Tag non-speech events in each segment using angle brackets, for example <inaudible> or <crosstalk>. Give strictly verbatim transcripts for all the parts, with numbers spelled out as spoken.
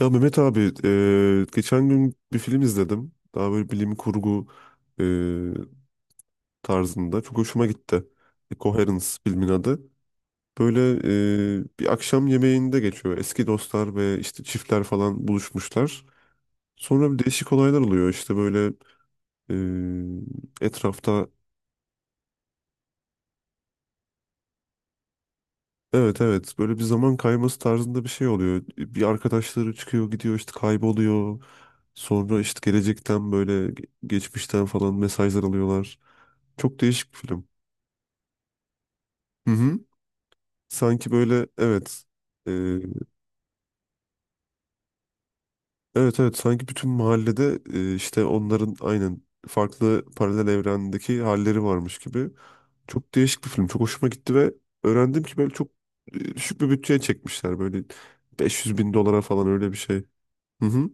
Ya Mehmet abi, e, geçen gün bir film izledim. Daha böyle bilim kurgu e, tarzında. Çok hoşuma gitti. E, Coherence filmin adı. Böyle e, bir akşam yemeğinde geçiyor. Eski dostlar ve işte çiftler falan buluşmuşlar. Sonra bir değişik olaylar oluyor. İşte böyle e, etrafta evet evet böyle bir zaman kayması tarzında bir şey oluyor. Bir arkadaşları çıkıyor gidiyor işte kayboluyor. Sonra işte gelecekten böyle ge- geçmişten falan mesajlar alıyorlar. Çok değişik bir film. Hı hı. Sanki böyle evet. Ee, evet evet sanki bütün mahallede e, işte onların aynen farklı paralel evrendeki halleri varmış gibi. Çok değişik bir film. Çok hoşuma gitti ve öğrendim ki böyle çok e, düşük bir bütçeye çekmişler. Böyle beş yüz bin dolara falan öyle bir şey. Hı hı.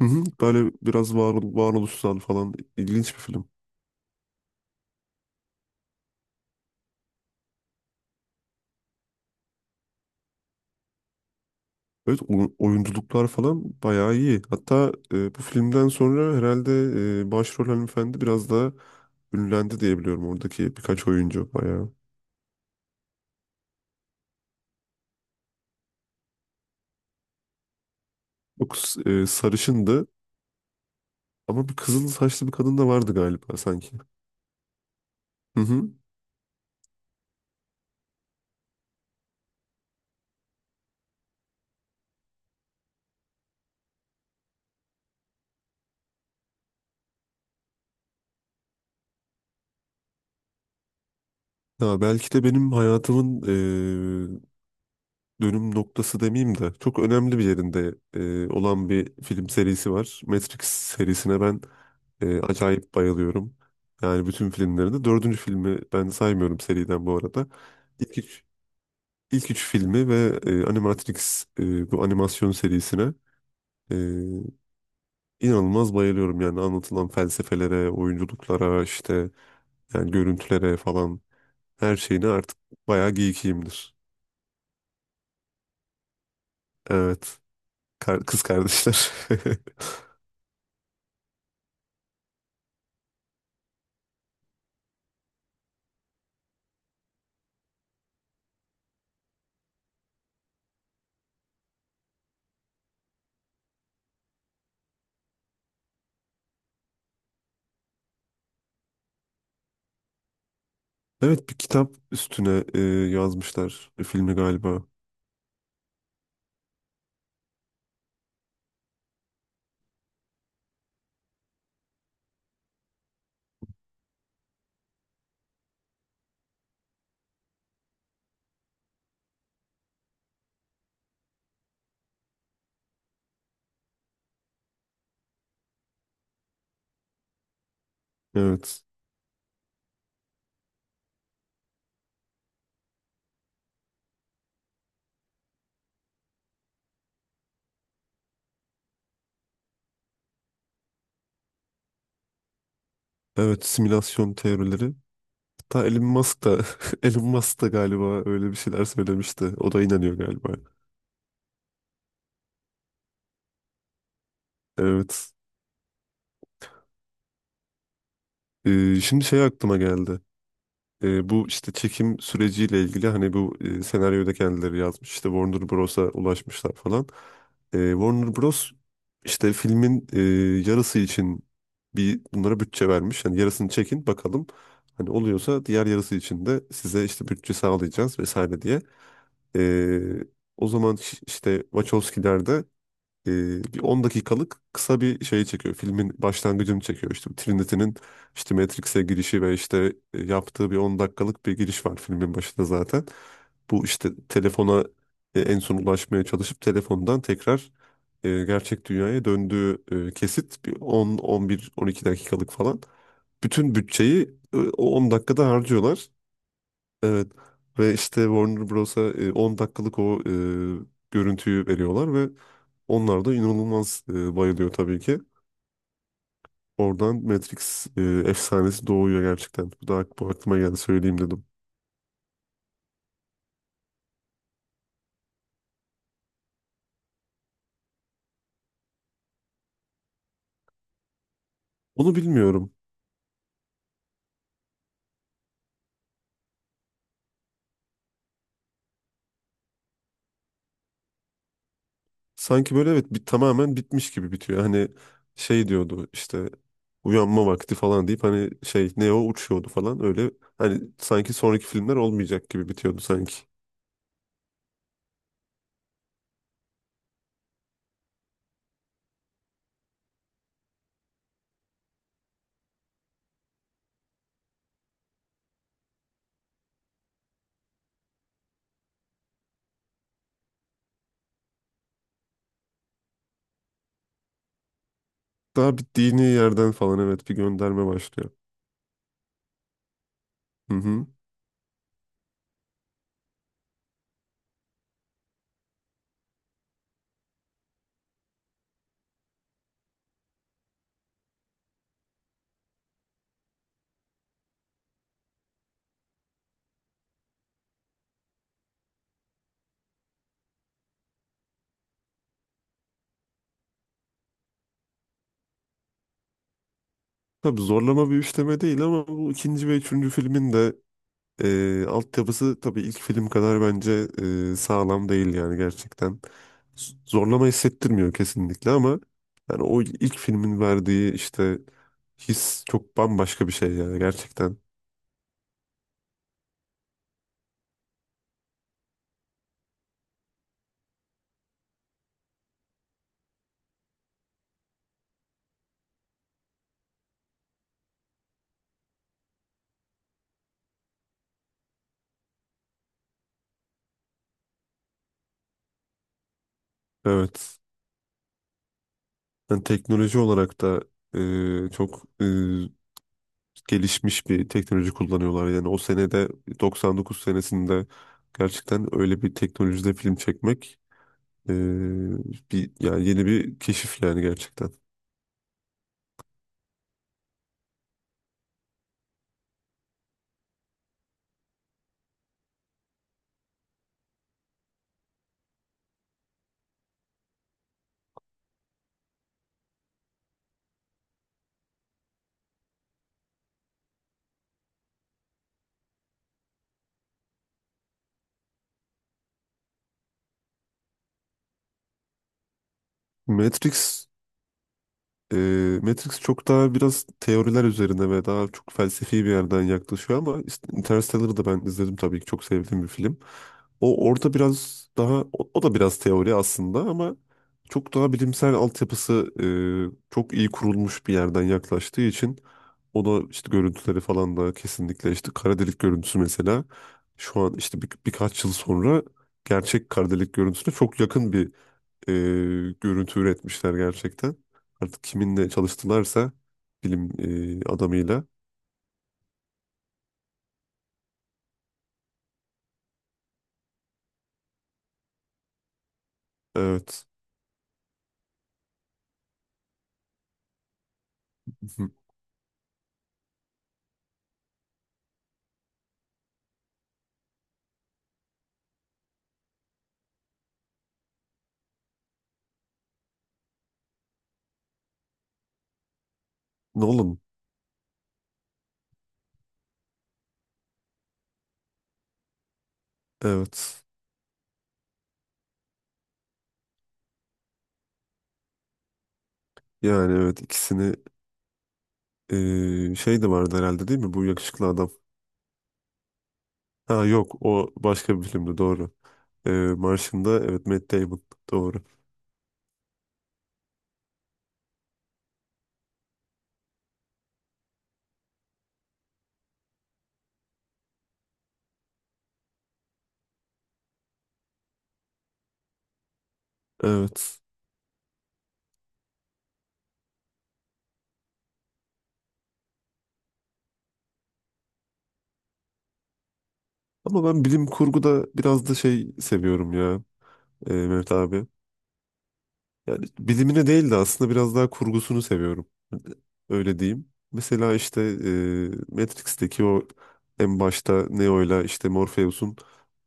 Hı hı. Böyle biraz varol varoluşsal falan ilginç bir film. Evet oy- oyunculuklar falan bayağı iyi. Hatta e, bu filmden sonra herhalde e, başrol hanımefendi biraz daha ünlendi diye biliyorum oradaki birkaç oyuncu bayağı. O kız e, sarışındı ama bir kızıl saçlı bir kadın da vardı galiba sanki. Hı hı. Ya belki de benim hayatımın e, dönüm noktası demeyeyim de çok önemli bir yerinde e, olan bir film serisi var. Matrix serisine ben e, acayip bayılıyorum. Yani bütün filmlerinde. Dördüncü filmi ben saymıyorum seriden bu arada. İlk üç, ilk üç filmi ve e, Animatrix e, bu animasyon serisine e, inanılmaz bayılıyorum. Yani anlatılan felsefelere, oyunculuklara, işte yani görüntülere falan her şeyine artık bayağı geekiyimdir. Evet. Kar- kız kardeşler. <laughs> Evet, bir kitap üstüne e, yazmışlar e, filmi galiba. Evet. Evet, simülasyon teorileri. Hatta Elon Musk da <laughs> Elon Musk da galiba öyle bir şeyler söylemişti. O da inanıyor galiba. Evet. E, şimdi şey aklıma geldi. E, bu işte çekim süreciyle ilgili hani bu e, senaryoyu da kendileri yazmış. İşte Warner Bros'a ulaşmışlar falan. E, Warner Bros işte filmin e, yarısı için bir bunlara bütçe vermiş. Hani yarısını çekin bakalım. Hani oluyorsa diğer yarısı için de size işte bütçe sağlayacağız vesaire diye. E, O zaman ş- işte Wachowski'ler de e, bir on dakikalık kısa bir şey çekiyor. Filmin başlangıcını çekiyor. İşte Trinity'nin işte Matrix'e girişi ve işte e, yaptığı bir on dakikalık bir giriş var filmin başında zaten. Bu işte telefona e, en son ulaşmaya çalışıp telefondan tekrar e, gerçek dünyaya döndüğü e, kesit bir on, on bir, on iki dakikalık falan. Bütün bütçeyi e, o on dakikada harcıyorlar. Evet, ve işte Warner Bros'a e, on dakikalık o e, görüntüyü veriyorlar ve onlar da inanılmaz e, bayılıyor tabii ki. Oradan Matrix e, efsanesi doğuyor gerçekten. Bu da ak- bu aklıma geldi söyleyeyim dedim. Onu bilmiyorum. Sanki böyle evet, bir, tamamen bitmiş gibi bitiyor. Hani şey diyordu işte uyanma vakti falan deyip hani şey Neo uçuyordu falan öyle. Hani sanki sonraki filmler olmayacak gibi bitiyordu sanki. Daha bittiğini yerden falan evet bir gönderme başlıyor. Hı hı. Tabii zorlama bir üçleme değil ama bu ikinci ve üçüncü filmin de e, altyapısı tabii ilk film kadar bence e, sağlam değil yani gerçekten. Z- Zorlama hissettirmiyor kesinlikle ama yani o ilk filmin verdiği işte his çok bambaşka bir şey yani gerçekten. Evet. Yani teknoloji olarak da e, çok gelişmiş bir teknoloji kullanıyorlar. Yani o senede, doksan dokuz senesinde, gerçekten öyle bir teknolojide film çekmek e, bir yani yeni bir keşif yani gerçekten. Matrix e, Matrix çok daha biraz teoriler üzerine ve daha çok felsefi bir yerden yaklaşıyor ama işte Interstellar'ı da ben izledim tabii ki, çok sevdiğim bir film. O orada biraz daha o, o da biraz teori aslında ama çok daha bilimsel altyapısı e, çok iyi kurulmuş bir yerden yaklaştığı için ona işte görüntüleri falan da kesinlikle, işte kara delik görüntüsü mesela, şu an işte bir, birkaç yıl sonra gerçek kara delik görüntüsüne çok yakın bir e, görüntü üretmişler gerçekten. Artık kiminle çalıştılarsa bilim e, adamıyla. Evet. Hı hı. Nolan. Evet. Yani evet, ikisini e, şey de vardı herhalde değil mi? Bu yakışıklı adam. Ha yok, o başka bir filmdi, doğru. E, Martian'da, evet, Matt Damon, doğru. Evet. Ama ben bilim kurguda biraz da şey seviyorum ya, e, Mehmet abi. Yani bilimini değil de aslında biraz daha kurgusunu seviyorum. Öyle diyeyim. Mesela işte e, Matrix'teki o en başta Neo'yla işte Morpheus'un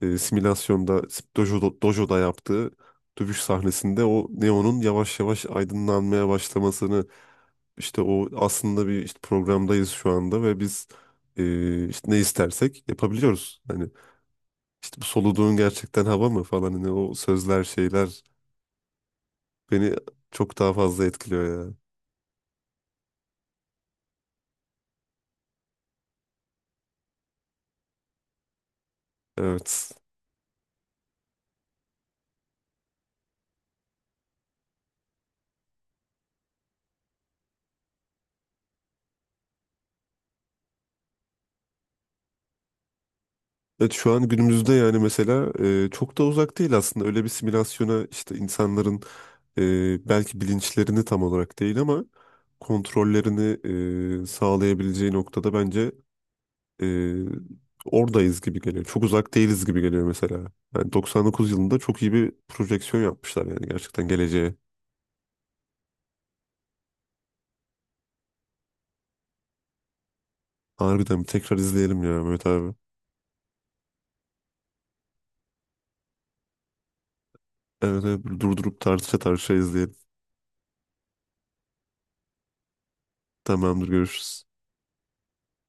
e, simülasyonda dojo, dojo'da yaptığı dövüş sahnesinde o Neo'nun yavaş yavaş aydınlanmaya başlamasını, işte o aslında bir, işte programdayız şu anda ve biz e, işte ne istersek yapabiliyoruz. Hani işte bu soluduğun gerçekten hava mı falan, hani o sözler, şeyler beni çok daha fazla etkiliyor ya. Evet. Evet, şu an günümüzde yani, mesela e, çok da uzak değil aslında öyle bir simülasyona işte insanların e, belki bilinçlerini tam olarak değil ama kontrollerini e, sağlayabileceği noktada bence e, oradayız gibi geliyor. Çok uzak değiliz gibi geliyor mesela. Yani doksan dokuz yılında çok iyi bir projeksiyon yapmışlar yani, gerçekten geleceğe. Harbiden bir tekrar izleyelim ya, Mehmet abi. Evet, evet, durdurup tartışa tartışa izleyelim. Tamamdır, görüşürüz.